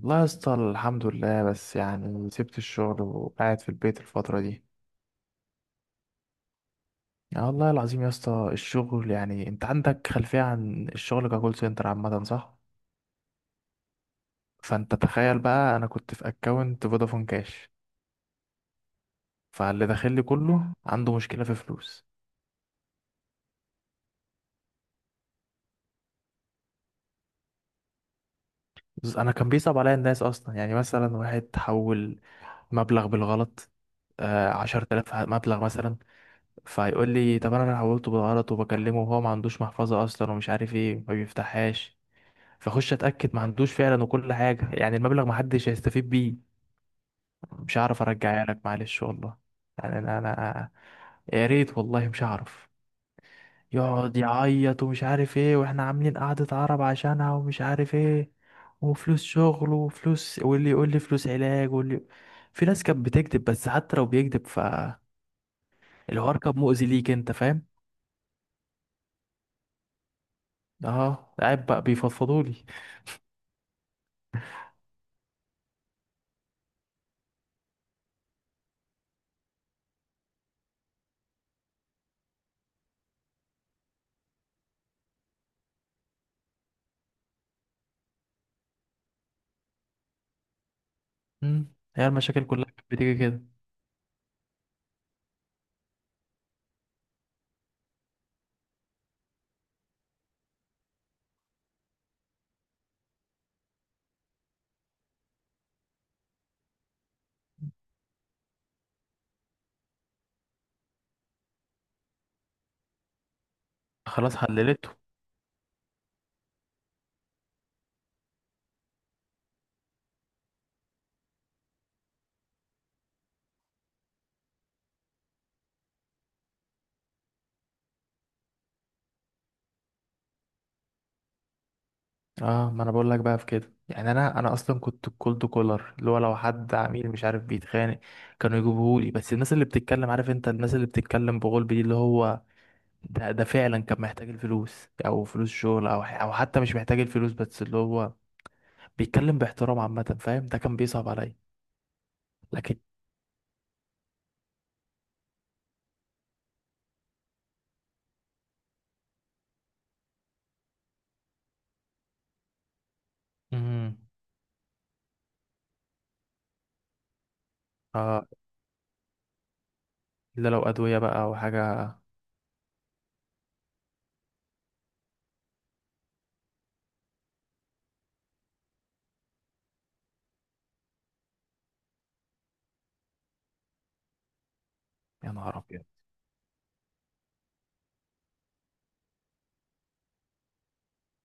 والله يا اسطى الحمد لله، بس يعني سبت الشغل وقاعد في البيت الفترة دي. يعني والله العظيم يا اسطى الشغل، يعني انت عندك خلفية عن الشغل ككول سنتر عامة صح؟ فانت تخيل بقى انا كنت في اكونت فودافون كاش. فاللي داخل لي كله عنده مشكلة في فلوس. بس انا كان بيصعب عليا الناس اصلا. يعني مثلا واحد حول مبلغ بالغلط، 10,000 مبلغ مثلا. فيقول لي طب انا حولته بالغلط وبكلمه وهو ما عندوش محفظة اصلا ومش عارف ايه، ما بيفتحهاش. فاخش اتاكد ما عندوش فعلا وكل حاجه. يعني المبلغ ما حدش هيستفيد بيه، مش هعرف ارجعها لك معلش والله. يعني انا، يا ريت والله مش هعرف. يقعد يعيط ومش عارف ايه، واحنا عاملين قعدة عرب عشانها ومش عارف ايه. وفلوس شغل وفلوس، واللي يقول لي فلوس علاج واللي، في ناس كانت بتكذب. بس حتى لو بيكذب فالحوار كان مؤذي ليك، انت فاهم. اه، قاعد بقى بيفضفضوا لي. هي المشاكل كلها كانت بتيجي كده. خلاص حللته. اه، ما انا بقول لك بقى في كده. يعني انا اصلا كنت الكولد كولر، اللي هو لو حد عميل مش عارف بيتخانق كانوا يجيبوهولي. بس الناس اللي بتتكلم، عارف انت الناس اللي بتتكلم بغلب دي، اللي هو ده فعلا كان محتاج الفلوس او فلوس شغل او او حتى مش محتاج الفلوس بس اللي هو بيتكلم باحترام عامه، فاهم؟ ده كان بيصعب عليا. لكن. امم اه الا لو ادويه بقى او حاجه. يا نهار ابيض.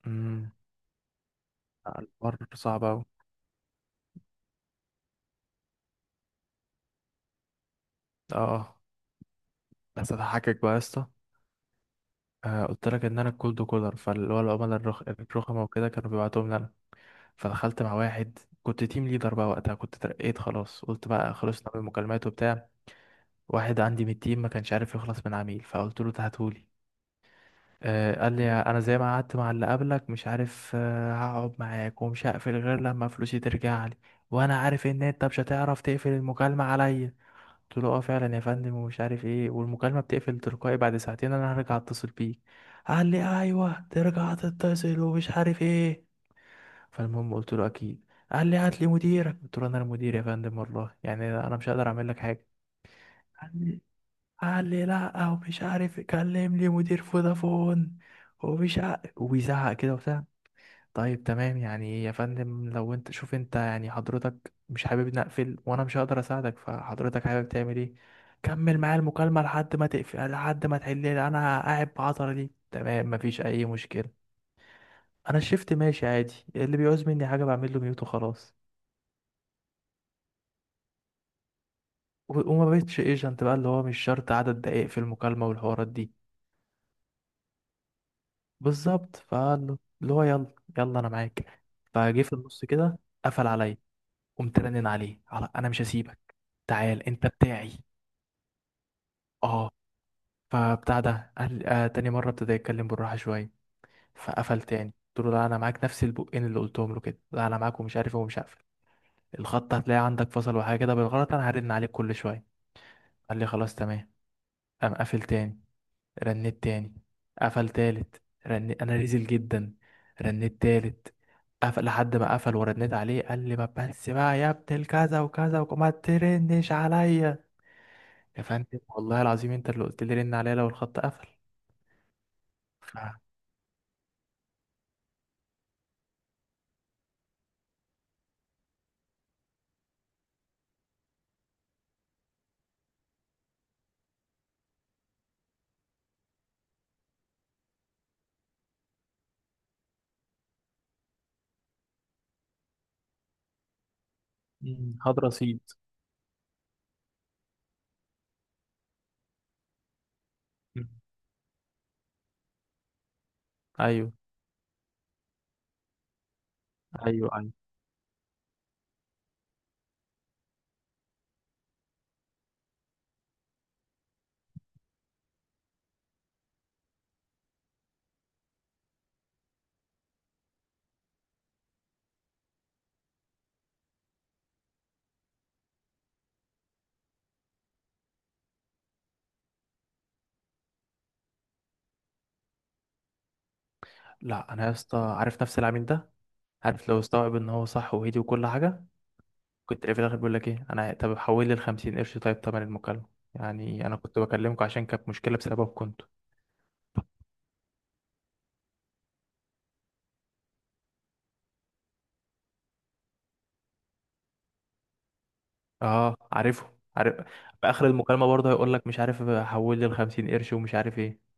امم الحوار صعب اوي. اه. بس هضحكك بقى يا اسطى. قلت لك ان انا الكولد كولر، فاللي هو العملاء الرخمه وكده كانوا بيبعتوهم لي انا. فدخلت مع واحد، كنت تيم ليدر بقى وقتها، كنت ترقيت خلاص، قلت بقى خلصنا من المكالمات وبتاع. واحد عندي من التيم ما كانش عارف يخلص من عميل، فقلت له تهاتولي. قال لي انا زي ما قعدت مع اللي قبلك مش عارف هقعد معاك ومش هقفل غير لما فلوسي ترجع لي، وانا عارف ان انت مش هتعرف تقفل المكالمه عليا. قلت له اه فعلا يا فندم ومش عارف ايه، والمكالمه بتقفل تلقائي بعد ساعتين، انا هرجع اتصل بيك. قال لي ايوه ترجع تتصل ومش عارف ايه. فالمهم قلت له اكيد. قال لي هات لي مديرك. قلت له انا المدير يا فندم والله، يعني انا مش هقدر اعمل لك حاجه. قال لي قال لي لا ومش عارف كلم لي مدير فودافون ومش عارف، وبيزعق كده وبتاع. طيب تمام، يعني يا فندم لو انت شوف انت، يعني حضرتك مش حابب نقفل وانا مش هقدر اساعدك، فحضرتك حابب تعمل ايه؟ كمل معايا المكالمة لحد ما تقفل، لحد ما تحل لي. انا قاعد بعطر دي تمام، مفيش اي مشكلة. انا الشفت ماشي عادي، اللي بيعوز مني حاجة بعمل له ميوت وخلاص. وما بقتش ايجنت بقى، اللي هو مش شرط عدد دقائق في المكالمة والحوارات دي. بالظبط، فقال له اللي هو يلا يلا انا معاك. فجه في النص كده، قفل عليا. قمت رنن عليه، على انا مش هسيبك، تعال انت بتاعي. اه. فبتاع ده قال تاني مرة ابتدى يتكلم بالراحة شوية. فقفل تاني، قلت له لا انا معاك، نفس البقين اللي قلتهم له كده، لا انا معاك ومش عارف إيه ومش هقفل الخط، هتلاقي عندك فصل وحاجة كده بالغلط، انا هرن عليك كل شوية. قال لي خلاص تمام. قام قافل تاني، رنيت تاني، قفل تالت، رنيت انا رزل جدا، رنيت تالت، قفل، لحد ما قفل ورنيت عليه قال لي ما بس بقى يا ابن الكذا وكذا وما ترنش عليا. يا فندم والله العظيم انت اللي قلت لي رن عليا لو الخط قفل. مم. هدرة سيد. مم. ايوه ايوه. لا انا يا اسطى عارف نفس العميل ده، عارف لو استوعب ان هو صح وهدي وكل حاجه، كنت في الاخر بيقول لك ايه: انا طب حول لي ال 50 قرش طيب تمن المكالمه، يعني انا كنت بكلمكم عشان كانت مشكله بسببكم انتوا. اه، عارف. في اخر المكالمه برضه هيقول لك مش عارف حول لي ال 50 قرش ومش عارف ايه.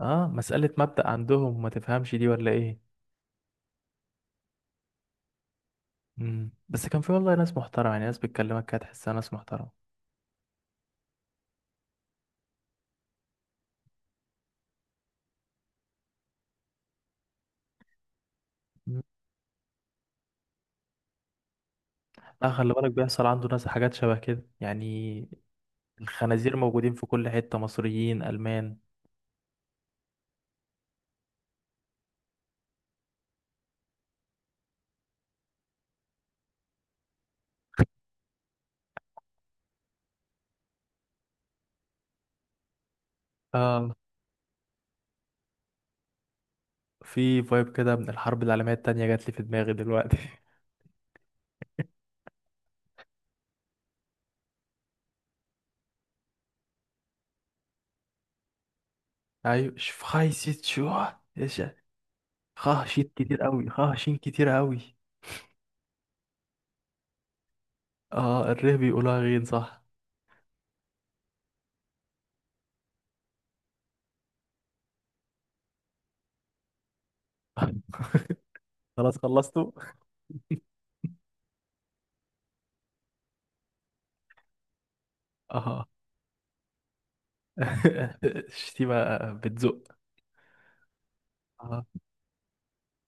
اه، مساله مبدأ عندهم ما تفهمش دي ولا ايه. مم. بس كان في والله ناس محترمه، يعني ناس بتكلمك كده تحسها ناس محترمه. لا خلي بالك بيحصل عنده ناس حاجات شبه كده يعني. الخنازير موجودين في كل حتة، مصريين ألمان. اه، في فايب كده من الحرب العالمية التانية جات لي في دماغي دلوقتي. أيوة شفايسيت شو. إيش. خاشيت كتير أوي، خاشين كتير أوي. آه الره بيقولها غين صح. خلاص خلصتوا؟ آه. الشتيمة بتزق.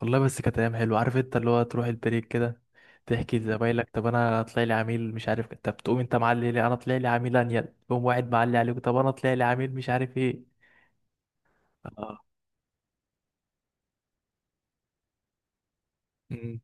والله بس كانت ايام حلوه، عارف انت اللي هو تروح البريك كده، تحكي لزمايلك طب انا طلع لي عميل مش عارف، طب تقوم انت معلي لي انا طلع لي عميل انيل، تقوم واحد معلي عليك طب انا طلع لي عميل مش عارف ايه. اه. مم.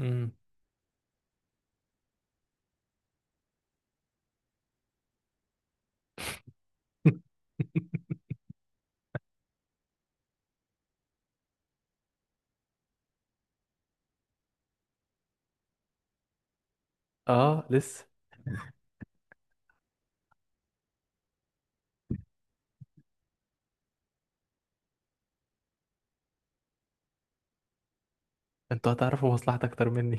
امم اه لسه. انتوا هتعرفوا مصلحتي اكتر مني.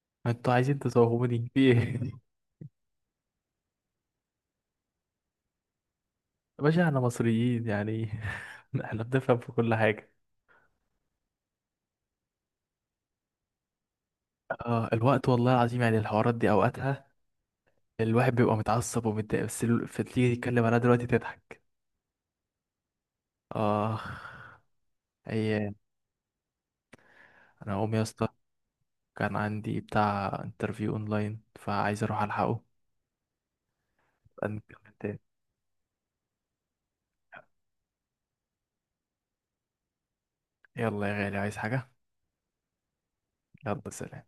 انتوا عايزين تزوهوني في ايه؟ يا باشا احنا مصريين، يعني احنا بنفهم في كل حاجه. اه، الوقت والله العظيم يعني الحوارات دي اوقاتها الواحد بيبقى متعصب ومتضايق، بس فتيجي تتكلم عليها دلوقتي تضحك. آه. أيام. أنا أقوم يا اسطى، كان عندي بتاع انترفيو أونلاين، فعايز أروح ألحقه. نبقى نتكلم تاني. يلا يا غالي، عايز حاجة؟ يلا سلام.